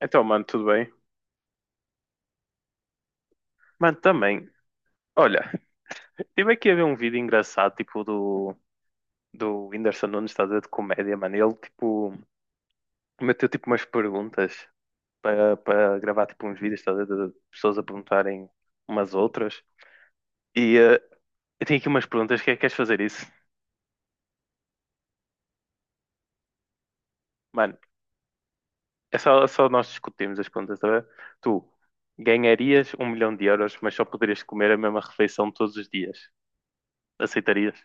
Então, mano, tudo bem? Mano, também. Olha, tive aqui a ver um vídeo engraçado, tipo, do Whindersson Nunes, estás a ver, de comédia, mano. Ele, tipo, meteu, tipo, umas perguntas para gravar, tipo, uns vídeos, estás a ver, de pessoas a perguntarem umas outras. E eu tenho aqui umas perguntas, que é que queres fazer isso? Mano, é só nós discutimos as perguntas, tá bem? Tu ganharias um milhão de euros, mas só poderias comer a mesma refeição todos os dias. Aceitarias?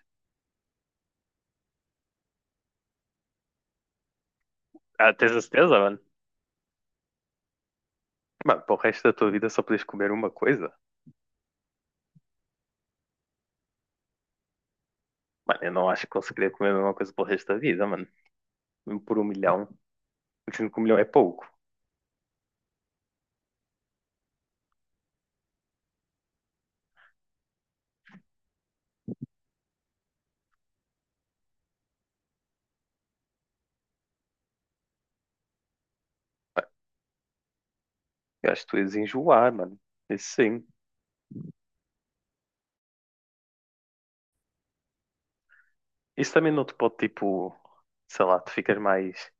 Ah, tens a certeza, mano? Mano, para o resto da tua vida só podes comer uma coisa? Mano, eu não acho que conseguiria comer a mesma coisa para o resto da vida, mano. Mesmo por um milhão. Dizendo que um milhão é pouco. Eu acho que tu ias enjoar, mano. Isso sim. Isso também não te pode, tipo, sei lá, tu ficas mais,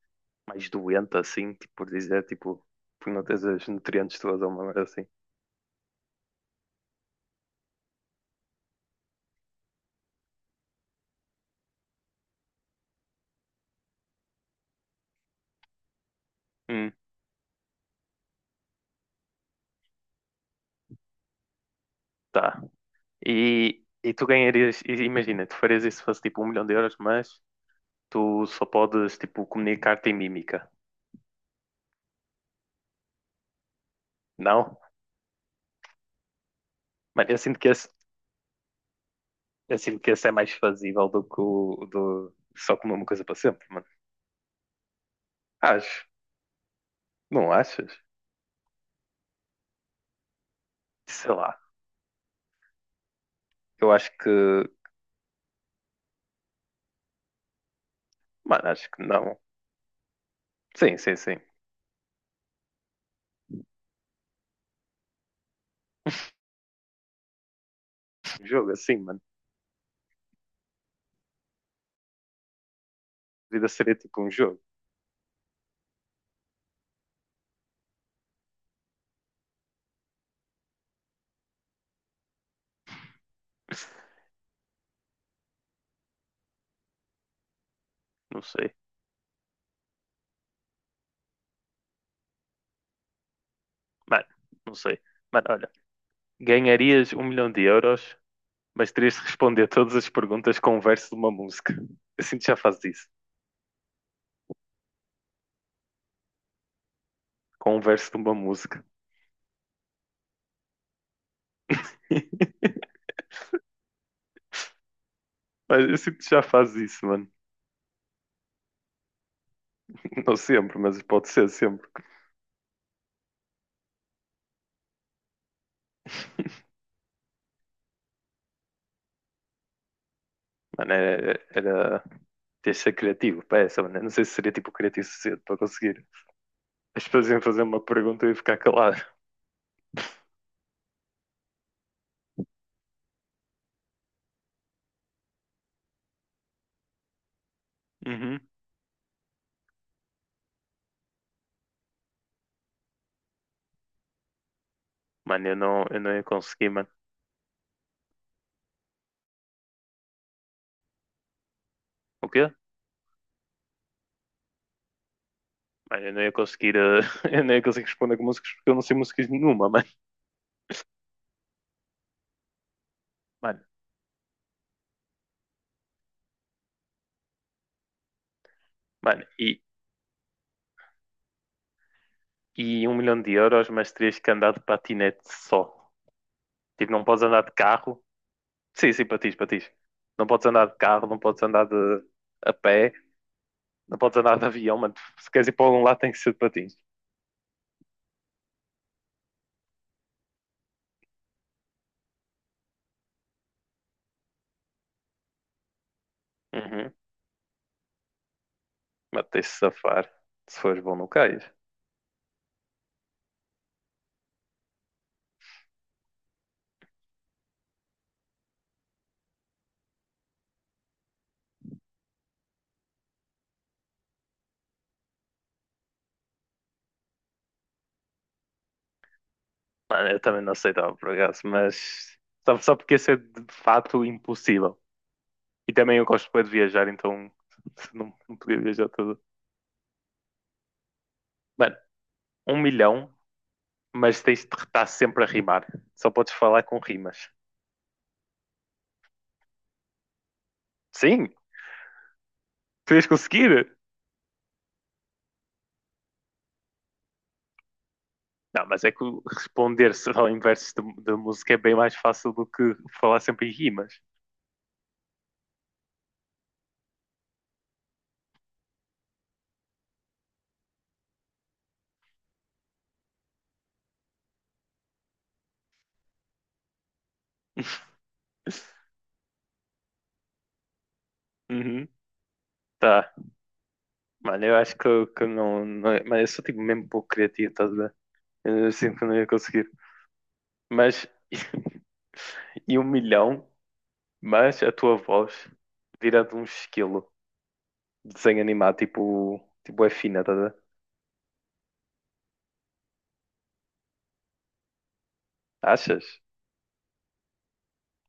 mais doente assim, tipo, por dizer, tipo, por não teres os nutrientes todos ou uma merda assim. Hum, tá. E tu ganharias, e imagina, tu farias isso se fosse tipo um milhão de euros, mas tu só podes, tipo, comunicar-te em mímica. Não? Mano, eu sinto que esse, eu sinto que esse é mais fazível do que o do só comer uma coisa para sempre, mano. Acho. Não achas? Sei lá. Eu acho que. Mano, acho que não. Sim, sim, sim. Um jogo assim, mano. A vida seria tipo um jogo. Não sei. Mano, não sei. Mano, olha. Ganharias um milhão de euros, mas terias de responder todas as perguntas com um verso de uma música. Eu sinto que já fazes isso. Com um verso de uma música. Mas eu sinto que já fazes isso, mano. Não sempre, mas pode ser sempre. Mano, era ter de ser criativo para essa, mano. Eu não sei se seria tipo criativo suficiente para conseguir. As pessoas iam fazer uma pergunta e eu ia ficar calado. Uhum. Mano, eu não ia conseguir, mano. O quê? Mano, eu não ia conseguir, eu não ia conseguir responder com músicas porque eu não sei músicas nenhuma, mano. Mano, mano, e um milhão de euros, mas terias que andar de patinete só. Tipo, não podes andar de carro. Sim, sim, patins. Não podes andar de carro, não podes andar de a pé, não podes andar de avião, mano. Se queres ir para algum lado, tem que ser de patins. Uhum. Mas tens de safar. Se fores bom, não cais. Mano, eu também não aceitava por acaso, mas só porque isso é de fato impossível. E também eu gosto bem de viajar, então não, não podia viajar tudo. Mano, um milhão, mas tens de estar sempre a rimar. Só podes falar com rimas. Sim, tu ias conseguir. Não, mas é que o- responder só em versos de música é bem mais fácil do que falar sempre em rimas. Uhum, tá. Mano, eu acho que, que eu não, não. Mano, eu sou tipo mesmo pouco criativo, tá? Eu sinto que não ia conseguir. Mas. E um milhão, mas a tua voz vira de um esquilo de desenho animado, tipo. Tipo, é fina, tá? A ver? Achas?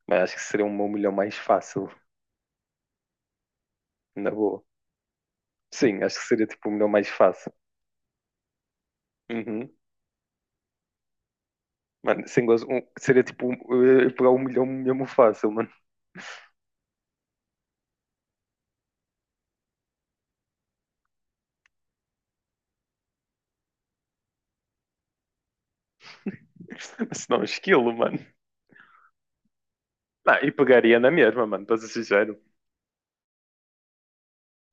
Mas acho que seria um milhão mais fácil, na boa. Sim, acho que seria tipo um milhão mais fácil. Uhum. Mano, sem gozo, um- seria tipo um- eh, pegar um milhão mesmo fácil, mano. Mas não, um esquilo, mano. Não, e pegaria na mesma, mano, para ser sincero.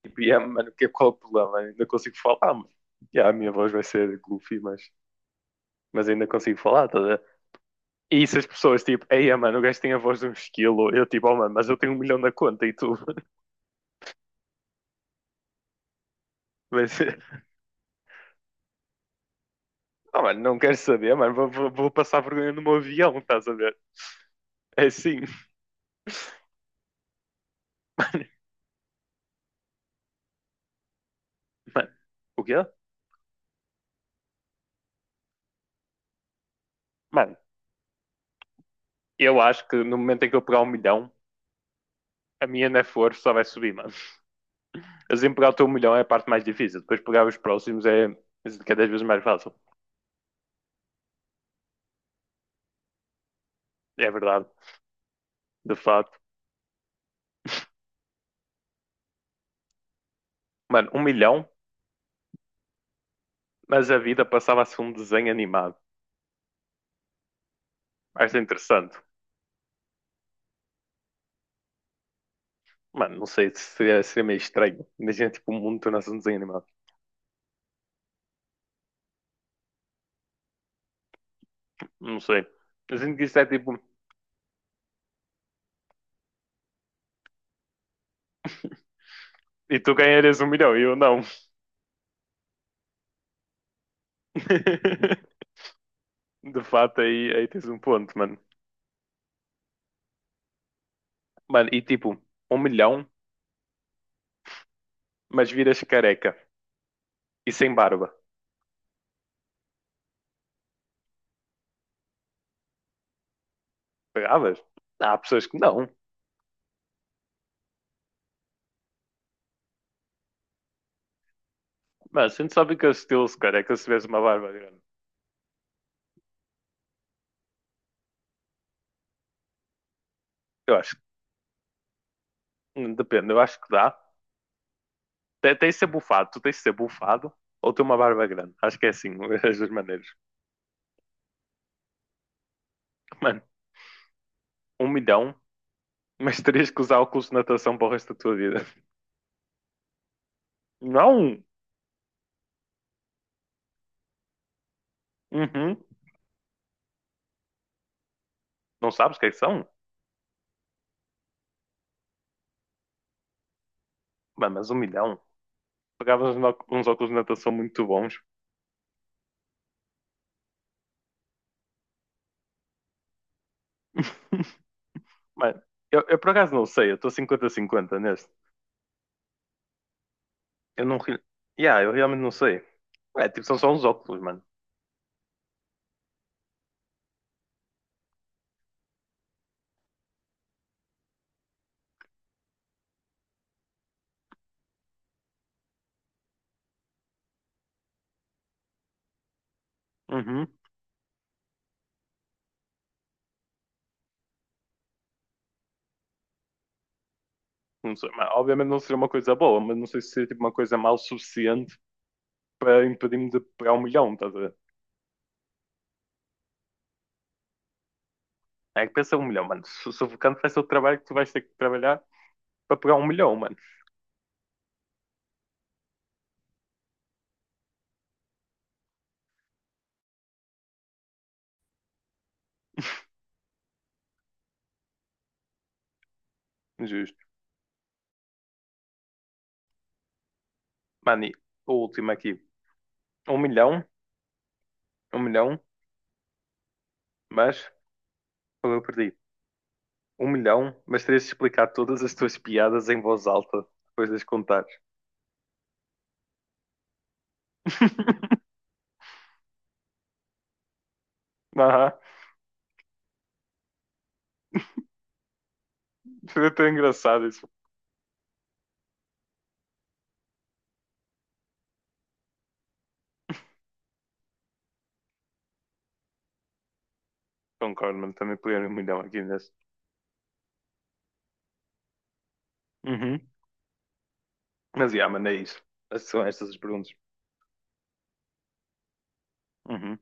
Tipo, yeah, mano, qual é o problema? Ainda consigo falar, mano. Yeah, a minha voz vai ser goofy, mas ainda consigo falar, tá a ver? E se as pessoas, tipo, ei, ah, mano, o gajo tem a voz de um esquilo, eu, tipo, oh, mano, mas eu tenho um milhão na conta e tu, mas, oh, mano, não queres saber, mano, vou passar vergonha no meu avião, estás a ver? É assim, mano, o quê? Mano, eu acho que no momento em que eu pegar um milhão, a minha na for só vai subir, mano. Assim, pegar o teu milhão é a parte mais difícil, depois pegar os próximos é cada vez mais fácil, é verdade, de facto. Mano, um milhão, mas a vida passava-se um desenho animado. Acho interessante. Mano, não sei, seria meio estranho. Imagina, tipo, um mundo tornar-se um desenho animado. Não sei. Imagina que isto é tipo, e tu ganharias um milhão e eu não. De fato, aí tens um ponto, mano. Mano, e tipo, um milhão, mas viras careca e sem barba. Pegavas? Há pessoas que não. Mas a gente só fica estilo-se careca se tivesse uma barba grande. Eu acho, depende, eu acho que dá. Te- Tens de ser bufado, tu tens de ser bufado ou ter uma barba grande. Acho que é assim, as duas maneiras. Mano, um milhão, mas terias que usar óculos de natação para o resto da tua vida. Não! Uhum. Não sabes o que é que são? Mano, mas um milhão. Pagavas uns óculos de natação muito bons. Mano, eu por acaso não sei, eu estou 50 a 50 neste. Eu não. re- Yeah, eu realmente não sei. É, tipo, são só uns óculos, mano. Uhum. Não sei, mas obviamente não seria uma coisa boa, mas não sei se seria tipo uma coisa mal suficiente para impedir-me de pegar um milhão, estás a ver? É que pensa um milhão, mano. Sufocante vai ser o trabalho que tu vais ter que trabalhar para pegar um milhão, mano. Justo. Mano, e o último aqui. Um milhão, Um milhão, mas foi eu que perdi. Um milhão, mas terias de explicar todas as tuas piadas em voz alta depois de as contares. Aham, foi tão engraçado isso. Concordo, mano, também peguei um milhão aqui nesse. Uhum. Mas, yeah, mano, é isso. Essas São estas as perguntas. Uhum.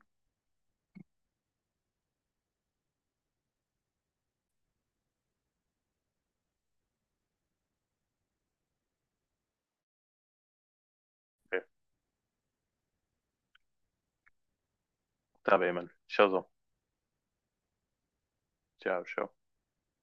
É. Tá bem, mano. Tchauzão. Tchau, tchau.